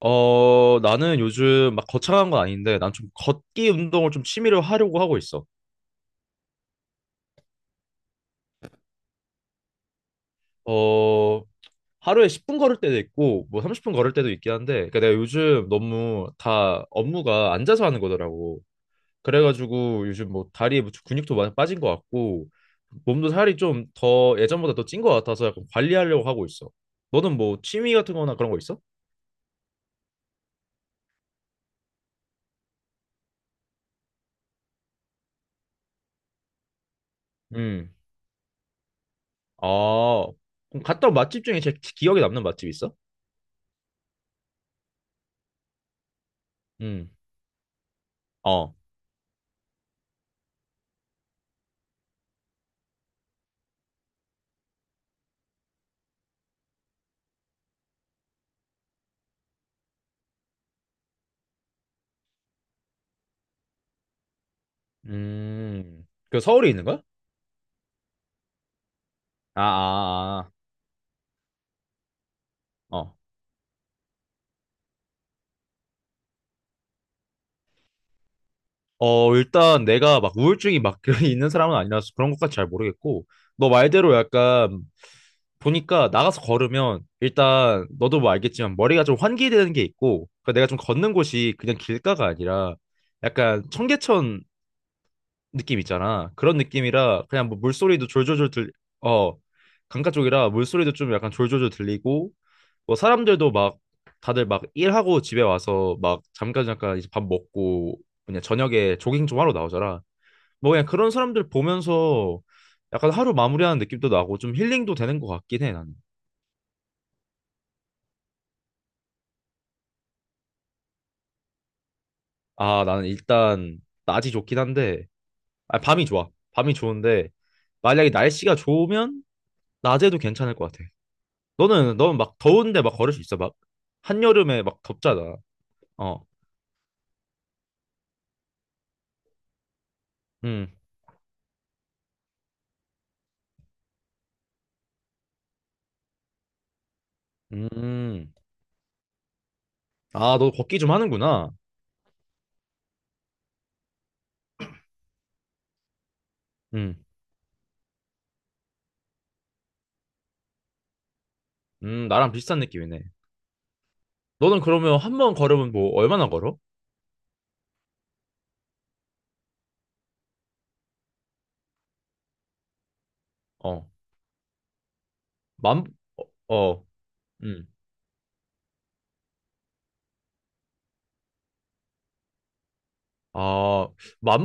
어, 나는 요즘 막 거창한 건 아닌데, 난 좀 걷기 운동을 좀 취미로 하려고 하고 있어. 어, 하루에 10분 걸을 때도 있고, 뭐 30분 걸을 때도 있긴 한데, 그러니까 내가 요즘 너무 다 업무가 앉아서 하는 거더라고. 그래가지고 요즘 뭐 다리에 뭐 근육도 많이 빠진 것 같고, 몸도 살이 좀 더 예전보다 더 찐 것 같아서 약간 관리하려고 하고 있어. 너는 뭐 취미 같은 거나 그런 거 있어? 음. 아, 그럼 갔다 온 맛집 중에 제일 기억에 남는 맛집 있어? 음. 어. 음, 그 서울에 있는 거야? 아, 아, 아, 어. 어, 일단 내가 막 우울증이 막 있는 사람은 아니라서 그런 것까지 잘 모르겠고, 너 말대로 약간 보니까 나가서 걸으면 일단 너도 뭐 알겠지만 머리가 좀 환기되는 게 있고, 그러니까 내가 좀 걷는 곳이 그냥 길가가 아니라 약간 청계천 느낌 있잖아. 그런 느낌이라 그냥 뭐 물소리도 졸졸졸 어, 강가 쪽이라 물소리도 좀 약간 졸졸졸 들리고, 뭐 사람들도 막 다들 막 일하고 집에 와서 막 잠깐 이제 밥 먹고 그냥 저녁에 조깅 좀 하러 나오잖아. 뭐 그냥 그런 사람들 보면서 약간 하루 마무리하는 느낌도 나고 좀 힐링도 되는 것 같긴 해, 나는. 아, 나는 일단 낮이 좋긴 한데, 아, 밤이 좋아. 밤이 좋은데, 만약에 날씨가 좋으면 낮에도 괜찮을 것 같아. 너는 막 더운데 막 걸을 수 있어 막 한여름에 막 덥잖아? 어. 음. 음. 아, 너 걷기 좀 하는구나. 음. 음. 나랑 비슷한 느낌이네. 너는 그러면 한번 걸으면 뭐 얼마나 걸어? 어만어음아만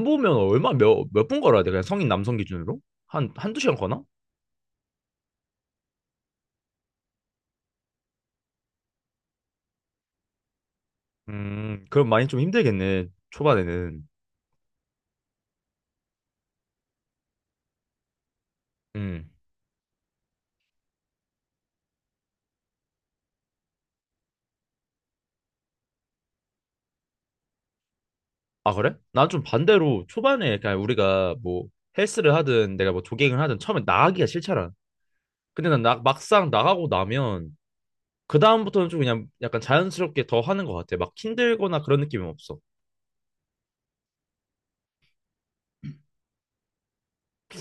보면 얼마 몇 분 걸어야 돼? 그냥 성인 남성 기준으로 한 한두 시간 걸나? 음, 그럼 많이 좀 힘들겠네 초반에는. 음. 아, 그래? 난 좀 반대로 초반에 그냥 우리가 뭐 헬스를 하든 내가 뭐 조깅을 하든 처음에 나가기가 싫잖아. 근데 막상 나가고 나면 그다음부터는 좀 그냥 약간 자연스럽게 더 하는 것 같아. 막 힘들거나 그런 느낌은 없어.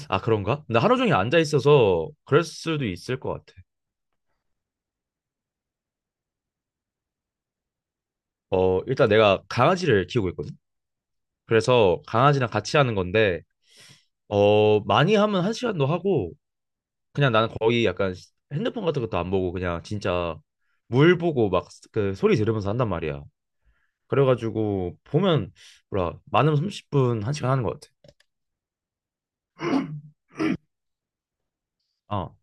아, 그런가? 나 하루 종일 앉아 있어서 그럴 수도 있을 것 같아. 어, 일단 내가 강아지를 키우고 있거든. 그래서 강아지랑 같이 하는 건데, 어, 많이 하면 한 시간도 하고, 그냥 나는 거의 약간 핸드폰 같은 것도 안 보고 그냥 진짜 물 보고 막 그 소리 들으면서 한단 말이야. 그래가지고 보면 뭐라 많으면 30분 한 시간 하는 것 같아. 어.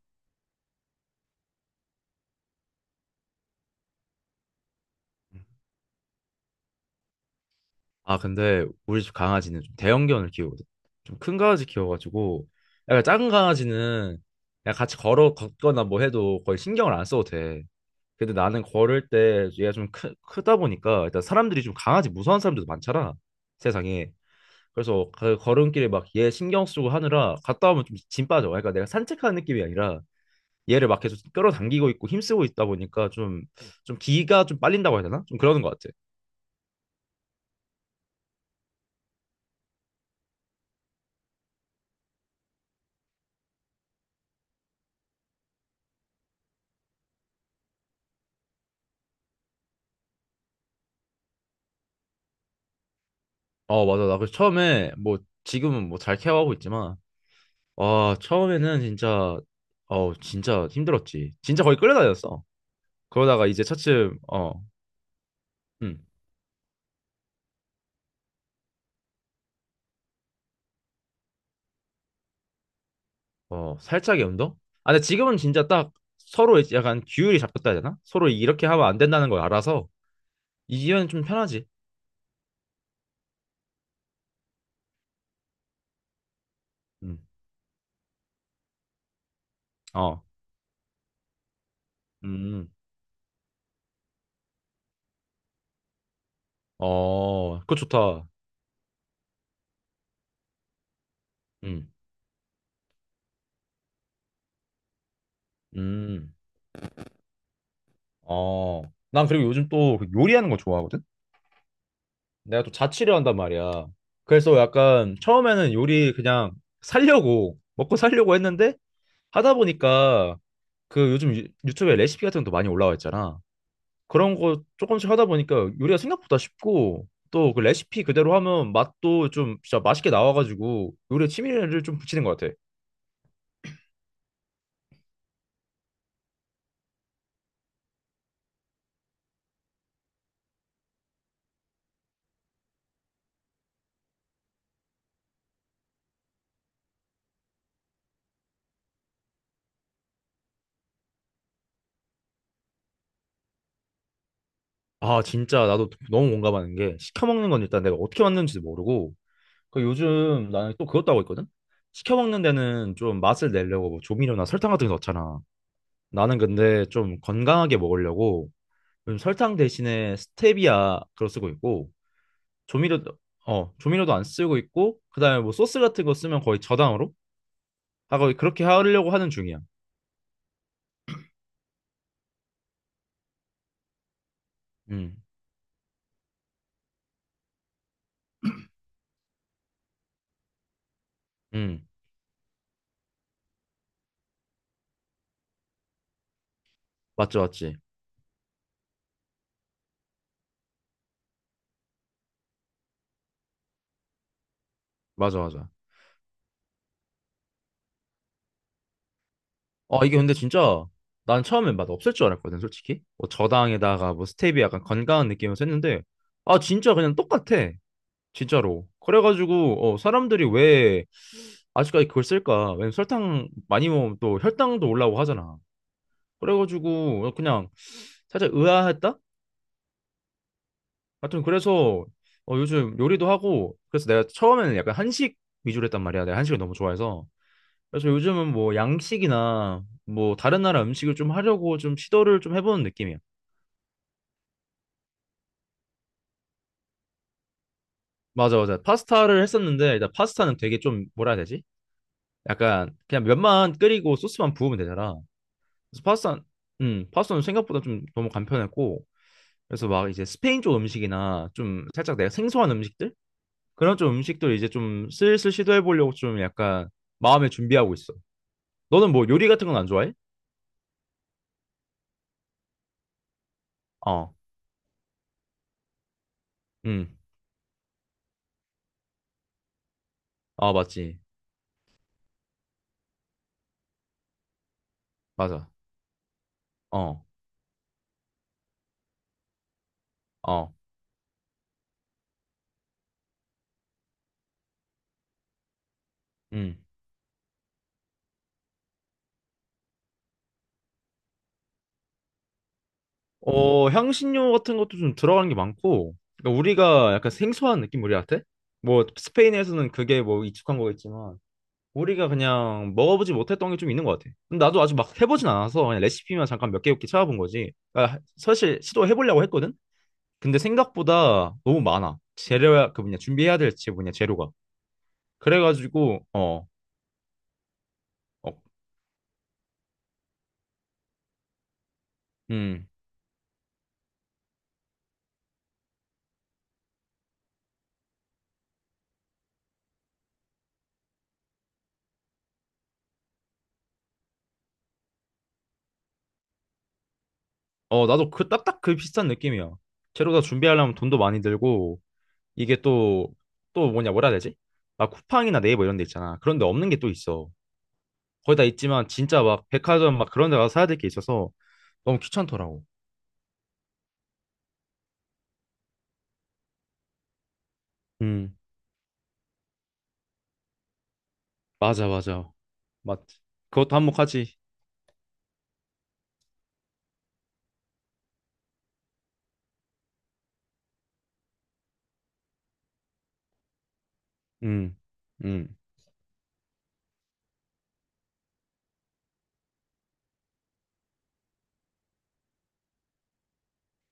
아, 근데 우리 집 강아지는 좀 대형견을 키우거든. 좀 큰 강아지 키워가지고 약간 작은 강아지는 그냥 같이 걸어 걷거나 뭐 해도 거의 신경을 안 써도 돼. 근데 나는 걸을 때 얘가 크다 보니까 일단 사람들이 좀 강아지 무서운 사람들도 많잖아. 세상에. 그래서 그 걸음길에 막 얘 신경 쓰고 하느라 갔다 오면 좀 짐 빠져. 그러니까 내가 산책하는 느낌이 아니라 얘를 막 계속 끌어당기고 있고 힘쓰고 있다 보니까 좀 기가 좀 빨린다고 해야 되나? 좀 그러는 것 같아. 어, 맞아. 나 그 처음에 뭐 지금은 뭐 잘 케어하고 있지만 와, 처음에는 진짜 어, 진짜 힘들었지. 진짜 거의 끌려다녔어. 그러다가 이제 차츰 어, 음, 어, 살짝의 운동? 아, 근데 지금은 진짜 딱 서로 이제 약간 규율이 잡혔다 해야 되나? 서로 이렇게 하면 안 된다는 걸 알아서 이제는 좀 편하지. 음. 어. 음. 음. 어, 그거 좋다. 음. 음. 어, 난 그리고 요즘 또그 요리하는 거 좋아하거든? 내가 또 자취를 한단 말이야. 그래서 약간 처음에는 요리 그냥 살려고, 먹고 살려고 했는데 하다 보니까 그 요즘 유튜브에 레시피 같은 것도 많이 올라와 있잖아. 그런 거 조금씩 하다 보니까 요리가 생각보다 쉽고 또 그 레시피 그대로 하면 맛도 좀 진짜 맛있게 나와가지고 요리에 취미를 좀 붙이는 것 같아. 아, 진짜 나도 너무 공감하는 게 시켜 먹는 건 일단 내가 어떻게 만드는지도 모르고 그 요즘 나는 또 그것도 하고 있거든? 시켜 먹는 데는 좀 맛을 내려고 뭐 조미료나 설탕 같은 거 넣잖아. 나는 근데 좀 건강하게 먹으려고 요즘 설탕 대신에 스테비아 그거 쓰고 있고 조미료도 조미료도 안 쓰고 있고 그다음에 뭐 소스 같은 거 쓰면 거의 저당으로 하고 그렇게 하려고 하는 중이야. 음, 음, 맞지, 맞지, 맞아, 맞아. 아, 이게 근데 진짜 난 처음에 맛 없을 줄 알았거든, 솔직히. 뭐 저당에다가 뭐 스테비아 약간 건강한 느낌으로 했는데 아, 진짜 그냥 똑같아. 진짜로. 그래가지고 어, 사람들이 왜 아직까지 그걸 쓸까? 왜냐면 설탕 많이 먹으면 또 혈당도 올라오고 하잖아. 그래가지고 어, 그냥 살짝 의아했다? 하여튼 그래서 어, 요즘 요리도 하고 그래서 내가 처음에는 약간 한식 위주로 했단 말이야. 내가 한식을 너무 좋아해서. 그래서 요즘은 뭐 양식이나 뭐 다른 나라 음식을 좀 하려고 좀 시도를 좀 해보는 느낌이야. 맞아, 맞아. 파스타를 했었는데 일단 파스타는 되게 좀 뭐라 해야 되지? 약간 그냥 면만 끓이고 소스만 부으면 되잖아. 그래서 파스타, 파스타는 생각보다 좀 너무 간편했고, 그래서 막 이제 스페인 쪽 음식이나 좀 살짝 내가 생소한 음식들? 그런 좀 음식들 이제 좀 슬슬 시도해 보려고 좀 약간 마음에 준비하고 있어. 너는 뭐 요리 같은 건 안 좋아해? 어, 음, 아, 맞지. 맞아. 어, 어, 음. 어, 향신료 같은 것도 좀 들어가는 게 많고, 그러니까 우리가 약간 생소한 느낌 우리한테? 뭐 스페인에서는 그게 뭐 익숙한 거겠지만, 우리가 그냥 먹어보지 못했던 게 좀 있는 것 같아. 근데 나도 아직 막 해보진 않아서 그냥 레시피만 잠깐 몇 개 이렇게 찾아본 거지. 그러니까 사실 시도해보려고 했거든? 근데 생각보다 너무 많아. 재료야, 그 뭐냐, 준비해야 될지 뭐냐, 재료가. 그래가지고, 어, 어, 음. 어, 나도 그 딱딱 그 비슷한 느낌이야. 재료 다 준비하려면 돈도 많이 들고, 이게 또, 또 뭐냐, 뭐라 해야 되지? 막 쿠팡이나 네이버 이런 데 있잖아. 그런 데 없는 게 또 있어. 거의 다 있지만 진짜 막 백화점 막 그런 데 가서 사야 될 게 있어서 너무 귀찮더라고. 음. 맞아, 맞아. 맞지. 그것도 한몫하지. 음, 음.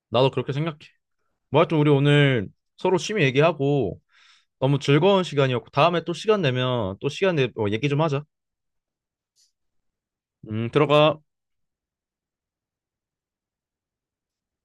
나도 그렇게 생각해. 뭐 하여튼 우리 오늘 서로 취미 얘기하고 너무 즐거운 시간이었고 다음에 또 시간 내면 또 시간 내 어, 얘기 좀 하자. 들어가.